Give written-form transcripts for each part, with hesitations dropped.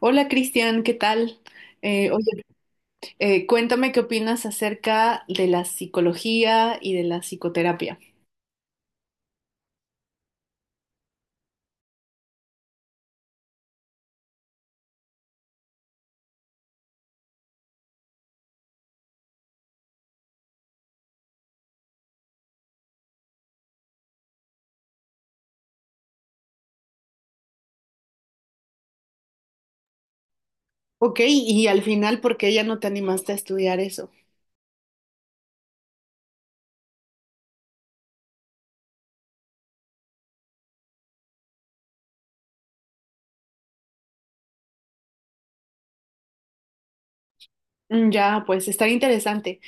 Hola Cristian, ¿qué tal? Oye, cuéntame qué opinas acerca de la psicología y de la psicoterapia. Ok, y al final, ¿por qué ya no te animaste a estudiar eso? Mm, ya, pues está interesante.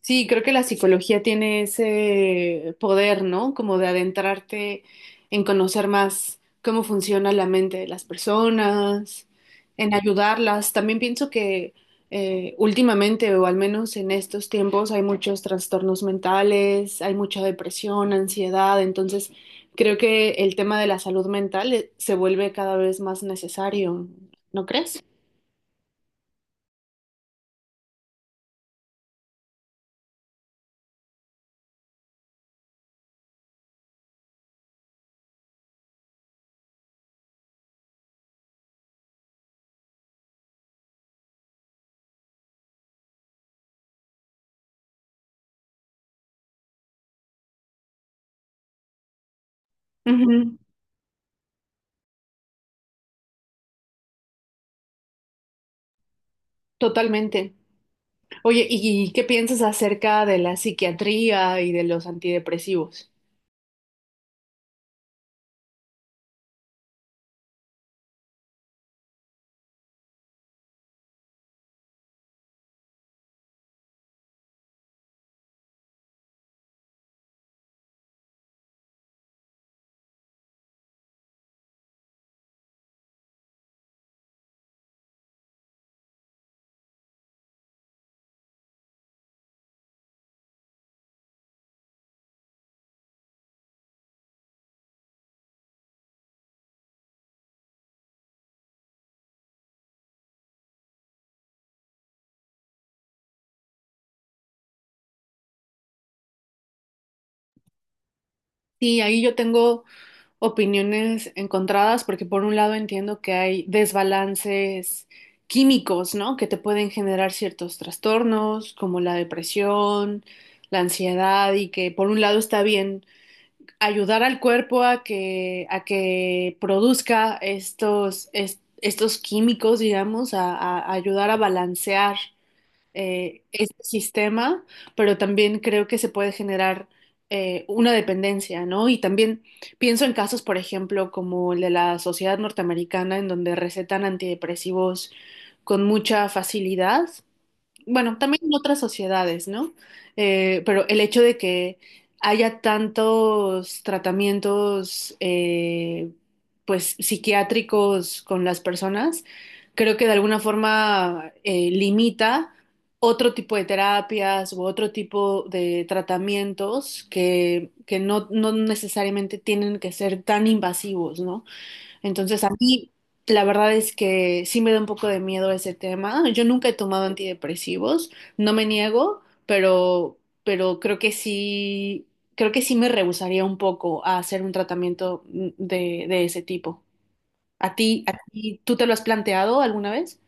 Sí, creo que la psicología tiene ese poder, ¿no? Como de adentrarte en conocer más cómo funciona la mente de las personas, en ayudarlas. También pienso que últimamente, o al menos en estos tiempos, hay muchos trastornos mentales, hay mucha depresión, ansiedad. Entonces, creo que el tema de la salud mental se vuelve cada vez más necesario, ¿no crees? Ujú, totalmente. Oye, ¿y qué piensas acerca de la psiquiatría y de los antidepresivos? Sí, ahí yo tengo opiniones encontradas porque por un lado entiendo que hay desbalances químicos, ¿no? Que te pueden generar ciertos trastornos como la depresión, la ansiedad y que por un lado está bien ayudar al cuerpo a que produzca estos químicos, digamos, a ayudar a balancear este sistema, pero también creo que se puede generar una dependencia, ¿no? Y también pienso en casos, por ejemplo, como el de la sociedad norteamericana, en donde recetan antidepresivos con mucha facilidad, bueno, también en otras sociedades, ¿no? Pero el hecho de que haya tantos tratamientos, pues, psiquiátricos con las personas, creo que de alguna forma limita otro tipo de terapias u otro tipo de tratamientos que no, no necesariamente tienen que ser tan invasivos, ¿no? Entonces a mí la verdad es que sí me da un poco de miedo ese tema. Yo nunca he tomado antidepresivos, no me niego, pero creo que sí me rehusaría un poco a hacer un tratamiento de ese tipo. A ti, tú te lo has planteado alguna vez?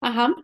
Ajá.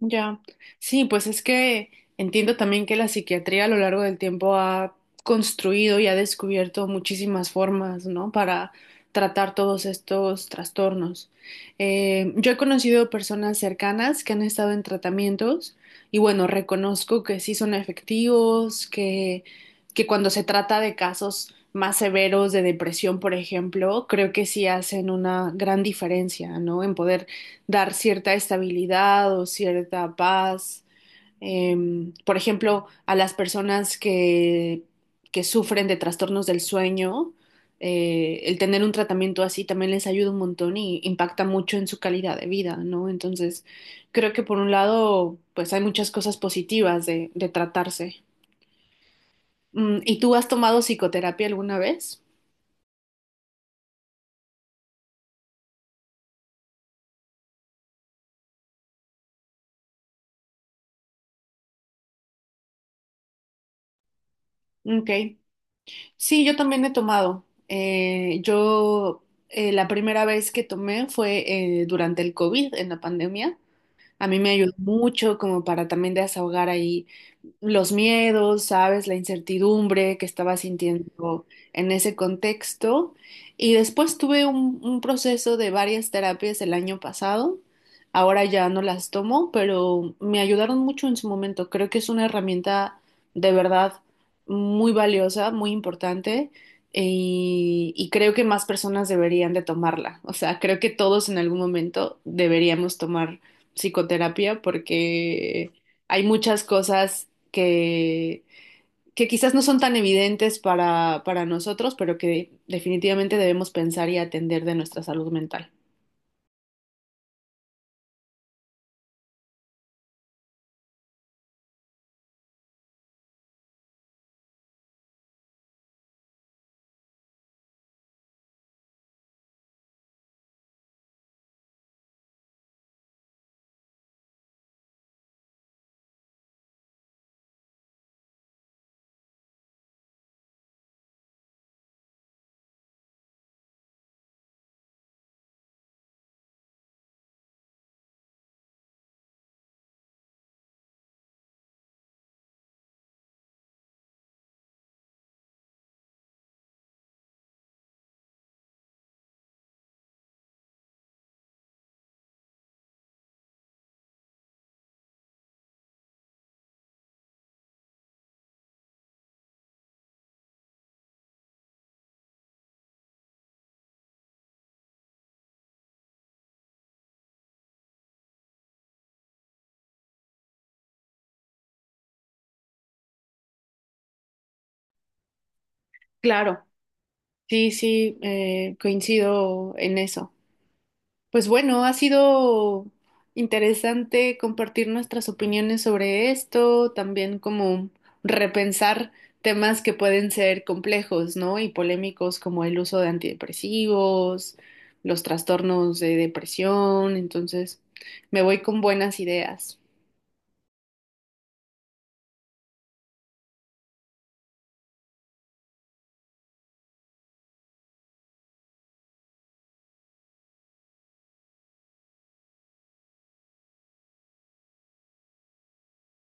Ya, sí, pues es que entiendo también que la psiquiatría a lo largo del tiempo ha construido y ha descubierto muchísimas formas, ¿no? Para tratar todos estos trastornos. Yo he conocido personas cercanas que han estado en tratamientos y bueno, reconozco que sí son efectivos, que cuando se trata de casos más severos de depresión, por ejemplo, creo que sí hacen una gran diferencia, ¿no? En poder dar cierta estabilidad o cierta paz. Em, por ejemplo, a las personas que sufren de trastornos del sueño, el tener un tratamiento así también les ayuda un montón y impacta mucho en su calidad de vida, ¿no? Entonces, creo que por un lado, pues hay muchas cosas positivas de tratarse. Mm, ¿y tú has tomado psicoterapia alguna vez? Ok. Sí, yo también he tomado. Yo la primera vez que tomé fue durante el COVID, en la pandemia. A mí me ayudó mucho como para también desahogar ahí los miedos, ¿sabes? La incertidumbre que estaba sintiendo en ese contexto. Y después tuve un proceso de varias terapias el año pasado. Ahora ya no las tomo, pero me ayudaron mucho en su momento. Creo que es una herramienta de verdad muy valiosa, muy importante. Y creo que más personas deberían de tomarla. O sea, creo que todos en algún momento deberíamos tomar psicoterapia porque hay muchas cosas que, que quizás no son tan evidentes para nosotros, pero que definitivamente debemos pensar y atender de nuestra salud mental. Claro, sí, sí, coincido en eso. Pues bueno, ha sido interesante compartir nuestras opiniones sobre esto, también como repensar temas que pueden ser complejos, ¿no? Y polémicos como el uso de antidepresivos, los trastornos de depresión. Entonces, me voy con buenas ideas.